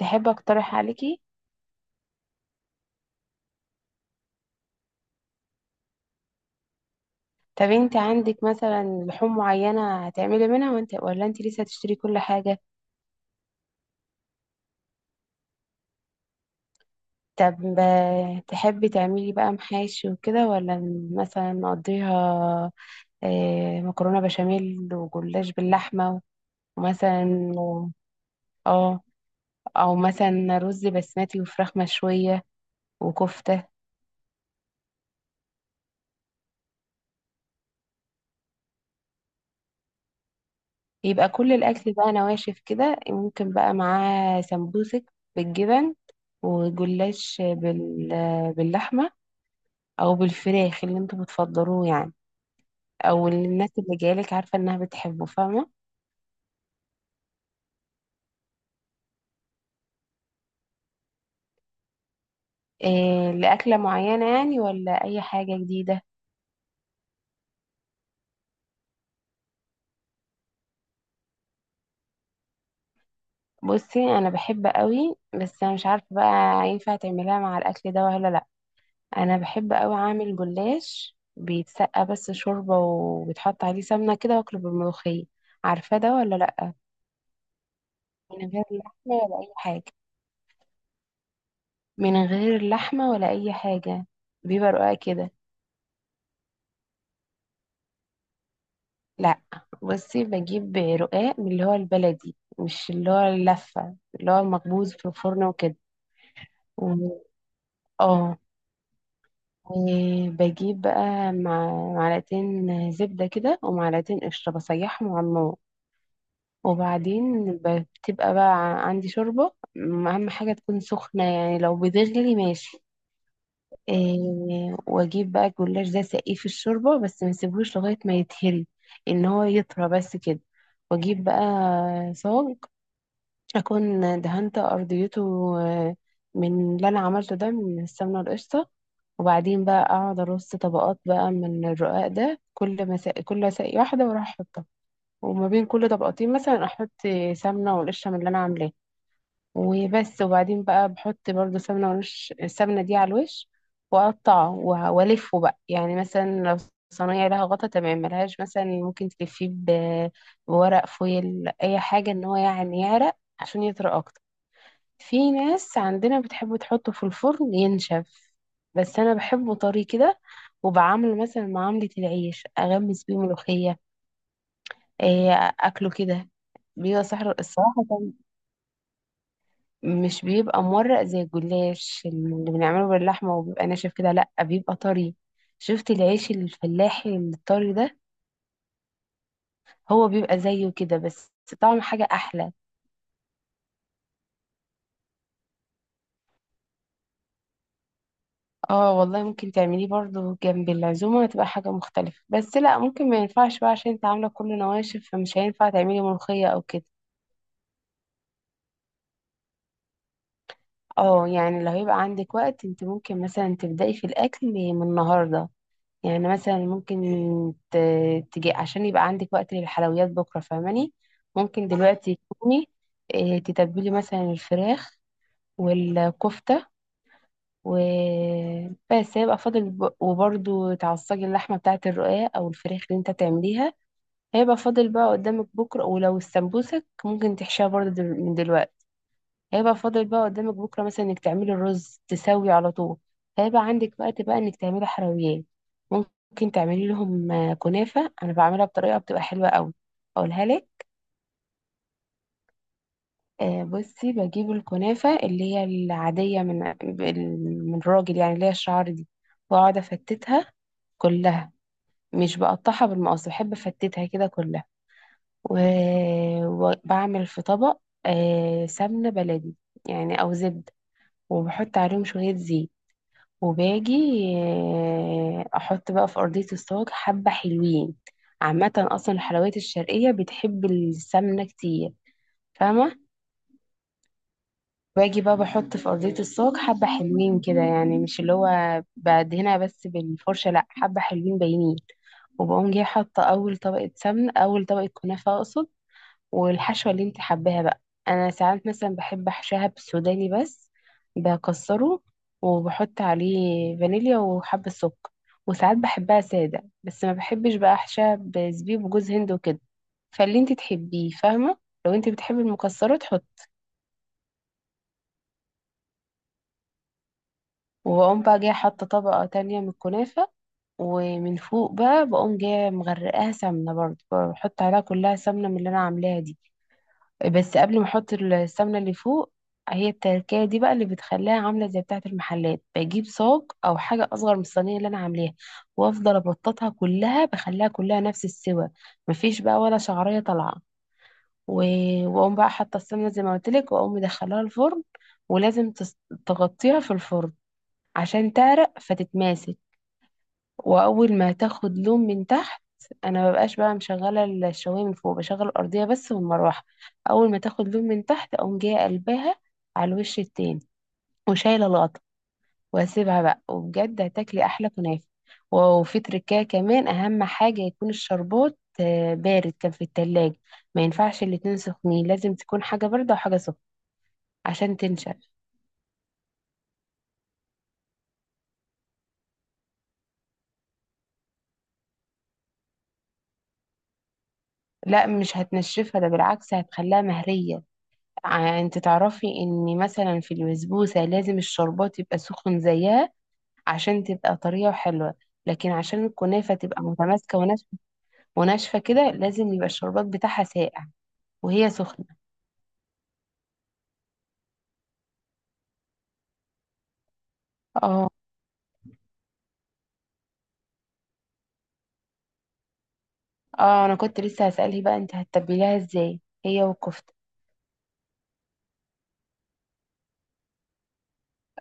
تحب اقترح عليكي؟ طب انت عندك مثلا لحوم معينة هتعملي منها ولا انت لسه هتشتري كل حاجة؟ طب تحبي تعملي بقى محاشي وكده، ولا مثلا نقضيها؟ مكرونة بشاميل وجلاش باللحمة، ومثلا اه، او مثلا رز بسمتي وفراخ مشوية وكفتة. يبقى كل الاكل بقى نواشف كده، ممكن بقى معاه سمبوسك بالجبن، وجلاش باللحمة او بالفراخ اللي انتوا بتفضلوه يعني، او اللي الناس اللي جايلك عارفه انها بتحبه، فاهمه؟ إيه، لاكله معينه يعني ولا اي حاجه جديده؟ بصي، انا بحب قوي، بس انا مش عارفه بقى ينفع تعملها مع الاكل ده ولا لا. انا بحب قوي اعمل جلاش بيتسقى بس شوربه، وبيتحط عليه سمنه كده، واكله بالملوخيه. عارفه ده ولا لا؟ من غير لحمه ولا اي حاجه. من غير لحمه ولا اي حاجه، بيبقى رقاق كده. لا، بصي، بجيب رقاق من اللي هو البلدي، مش اللي هو اللفة اللي هو المخبوز في الفرن وكده. و- اه، وبجيب بقى مع معلقتين زبدة كده، ومعلقتين قشطة، بسيحهم على النار. وبعدين بتبقى بقى عندي شوربة، أهم حاجة تكون سخنة، يعني لو بتغلي ماشي. إيه، وأجيب بقى الجلاش ده سقيه في الشوربة، بس ما اسيبهوش لغاية ما يتهري، إن هو يطرى بس كده. وأجيب بقى صاج أكون دهنت أرضيته آه، من اللي أنا عملته ده من السمنة القشطة. وبعدين بقى أقعد أرص طبقات بقى من الرقاق ده، كل مساء كل ساقية واحدة وأروح أحطها، وما بين كل طبقتين مثلا أحط سمنة والقشطة من اللي أنا عاملاه. وبس. وبعدين بقى بحط برضو سمنة والقش السمنة دي على الوش، وأقطعه وألفه بقى. يعني مثلا لو صينية لها غطا تمام، ملهاش مثلا ممكن تلفيه بورق فويل أي حاجة، إن هو يعني يعرق عشان يطرى أكتر. في ناس عندنا بتحب تحطه في الفرن ينشف، بس انا بحبه طري كده، وبعمله مثلا معاملة العيش اغمس بيه ملوخية. إيه، اكله كده. بيبقى صحر الصراحة كان، مش بيبقى مورق زي الجلاش اللي بنعمله باللحمة وبيبقى ناشف كده، لأ بيبقى طري. شفت العيش الفلاحي الطري ده؟ هو بيبقى زيه كده، بس طعم حاجة أحلى. اه والله، ممكن تعمليه برضو جنب العزومة، هتبقى حاجة مختلفة، بس لا ممكن ما ينفعش بقى عشان انت عاملة كل نواشف، فمش هينفع تعملي ملوخية او كده. اه يعني لو هيبقى عندك وقت، انت ممكن مثلا تبدأي في الأكل من النهاردة. يعني مثلا ممكن ت- تجي عشان يبقى عندك وقت للحلويات بكرة، فاهماني؟ ممكن دلوقتي تكوني اه، تتبلي مثلا الفراخ والكفتة، وبس هيبقى فاضل وبرضو تعصجي اللحمة بتاعة الرقاق أو الفراخ اللي انت تعمليها. هيبقى فاضل بقى قدامك بكرة، ولو استنبوسك ممكن تحشيها برضه من دلوقتي. هيبقى فاضل بقى قدامك بكرة مثلا انك تعملي الرز تسوي على طول، هيبقى عندك وقت بقى انك تعملي حلويات. ممكن تعملي لهم كنافة، انا بعملها بطريقة بتبقى حلوة قوي. اقولها لك. بصي، بجيب الكنافة اللي هي العادية من من الراجل يعني، اللي هي الشعر دي، واقعد افتتها كلها، مش بقطعها بالمقص، بحب افتتها كده كلها. وبعمل في طبق سمنة بلدي يعني أو زبدة، وبحط عليهم شوية زيت، وباجي أحط بقى في أرضية الصاج حبة حلوين. عامة أصلا الحلويات الشرقية بتحب السمنة كتير، فاهمة؟ باجي بقى بحط في أرضية الصاج حبة حلوين كده، يعني مش اللي هو بدهنها بس بالفرشة، لأ حبة حلوين باينين. وبقوم جاية حاطة أول طبقة سمنة، أول طبقة كنافة أقصد، والحشوة اللي انت حباها بقى. انا ساعات مثلا بحب احشاها بالسوداني بس، بكسره وبحط عليه فانيليا وحبة سكر. وساعات بحبها سادة بس، ما بحبش بقى احشاها بزبيب وجوز هند وكده، فاللي انت تحبيه فاهمة. لو انت بتحبي المكسرات حط. وبقوم بقى جاية حاطة طبقة تانية من الكنافة، ومن فوق بقى بقوم جاية مغرقاها سمنة برضه، بحط عليها كلها سمنة من اللي انا عاملاها دي. بس قبل ما احط السمنه اللي فوق، هي التركية دي بقى اللي بتخليها عاملة زي بتاعة المحلات، بجيب صاج أو حاجة أصغر من الصينية اللي أنا عاملاها، وأفضل أبططها كلها بخليها كلها نفس السوى، مفيش بقى ولا شعرية طالعة. وأقوم بقى حاطة السمنة زي ما قلتلك، وأقوم مدخلاها الفرن. ولازم تغطيها في الفرن عشان تعرق فتتماسك. واول ما تاخد لون من تحت، انا مبقاش بقى مشغله الشوايه من فوق، بشغل الارضيه بس والمروحه. اول ما تاخد لون من تحت اقوم جايه قلباها على الوش التاني، وشايله الغطا، واسيبها بقى. وبجد هتاكلي احلى كنافه. وفي تركايه كمان، اهم حاجه يكون الشربات بارد كان في التلاجة، ما ينفعش الاتنين سخنين، لازم تكون حاجه بارده وحاجه سخنه عشان تنشف. لا مش هتنشفها، ده بالعكس هتخليها مهريه. انت تعرفي ان مثلا في البسبوسه لازم الشربات يبقى سخن زيها عشان تبقى طريه وحلوه، لكن عشان الكنافه تبقى متماسكه وناشفه وناشفه كده، لازم يبقى الشربات بتاعها ساقع وهي سخنه. اه. اه انا كنت لسه هسألك بقى انت هتتبليها ازاي هي والكفته.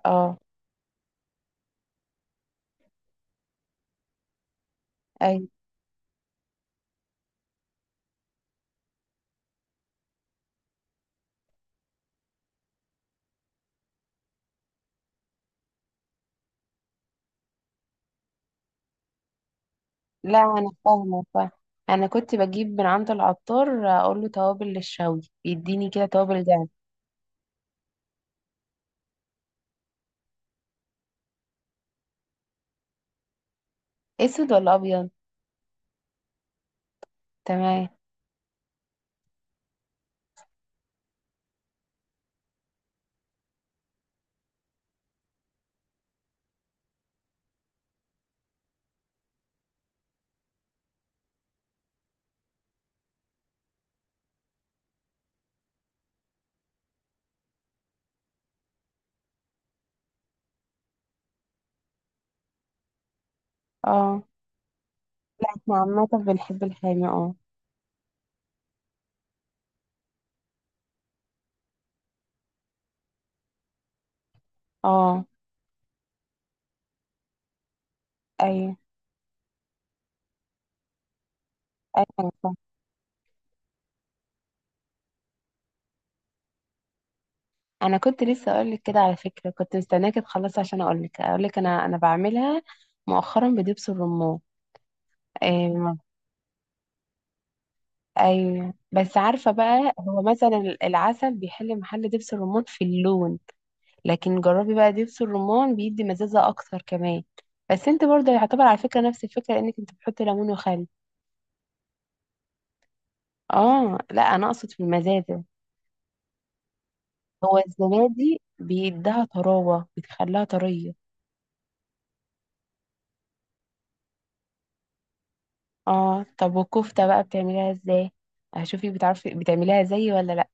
اه. اي. لا انا فاهمه فاهمة. انا كنت بجيب من عند العطار اقول له توابل للشوي، بيديني كده توابل دهب. اسود ولا ابيض؟ تمام. اه احنا عامه بنحب الحامي، اه. اه. ايوه. ايوه أنا فاهمة. انا كنت لسه اقول لك كده على فكره، كنت مستناكي تخلصي عشان اقول لك انا بعملها مؤخرا بدبس الرمان. ايوه. ايوه بس عارفه بقى، هو مثلا العسل بيحل محل دبس الرمان في اللون، لكن جربي بقى دبس الرمان بيدي مزازه اكتر كمان. بس انت برضه يعتبر على فكره نفس الفكره، انك انت بتحطي ليمون وخل. اه لا انا اقصد في المزازه. هو الزبادي بيديها طراوه بتخليها طريه. اه. طب والكفتة بقى بتعمليها ازاي؟ هشوفي بتعرفي بتعمليها زي ولا لا.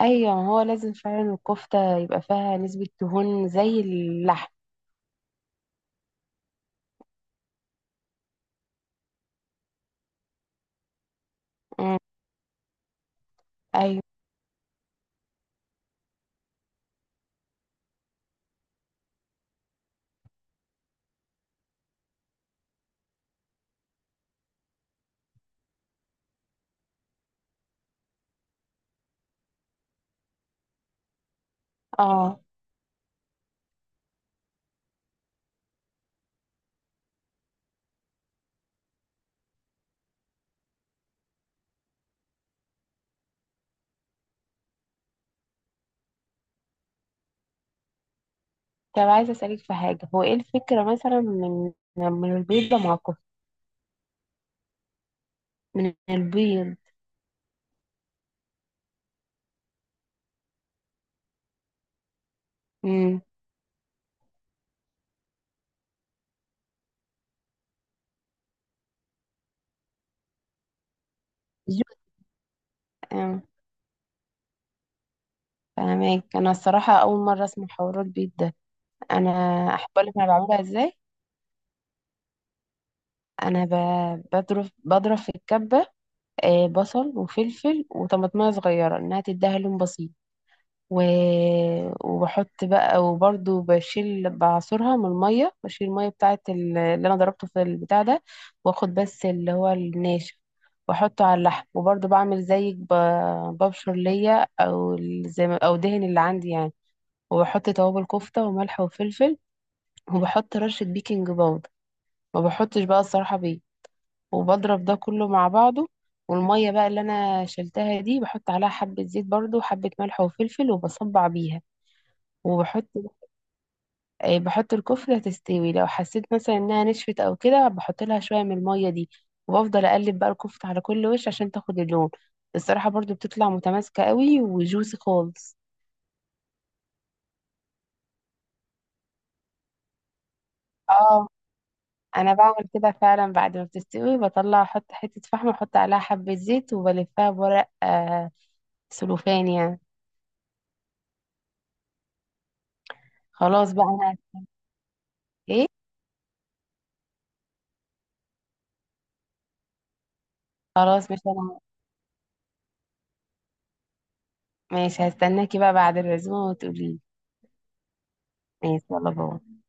ايوه ما هو لازم فعلا الكفتة يبقى فيها نسبة دهون زي اللحم. مم. ايوه. اه. طب عايزة اسألك في حاجة، هو ايه الفكرة مثلا من البيضة مع الكفتة؟ من البيض. امم. فاهمك. انا الصراحة اول مرة اسمع حوار البيض ده. انا احب اقولك انا بعملها ازاي. انا بضرب في الكبة بصل وفلفل وطماطمية صغيرة انها تديها لون بسيط. و... وبحط بقى، وبرده بشيل بعصرها من المية، بشيل المية بتاعة اللي انا ضربته في البتاع ده، واخد بس اللي هو الناشف واحطه على اللحم. وبرده بعمل زيك ببشر ليا او زي ما... او دهن اللي عندي يعني. وبحط توابل كفتة وملح وفلفل، وبحط رشة بيكنج باودر. ما بحطش بقى الصراحة بيه. وبضرب ده كله مع بعضه. والمية بقى اللي أنا شلتها دي، بحط عليها حبة زيت برضو وحبة ملح وفلفل وبصبع بيها، وبحط بحط الكفتة تستوي. لو حسيت مثلا إنها نشفت أو كده، بحط لها شوية من المية دي. وبفضل أقلب بقى الكفتة على كل وش عشان تاخد اللون. الصراحة برضو بتطلع متماسكة قوي وجوسي خالص. اه انا بعمل كده فعلا، بعد ما بتستوي بطلع احط حتة فحم، احط عليها حبة زيت وبلفها بورق آه سلوفان يعني. خلاص بقى انا. ايه؟ خلاص مش انا. ماشي، هستناكي بقى بعد العزومة وتقولي لي. ماشي يلا باي.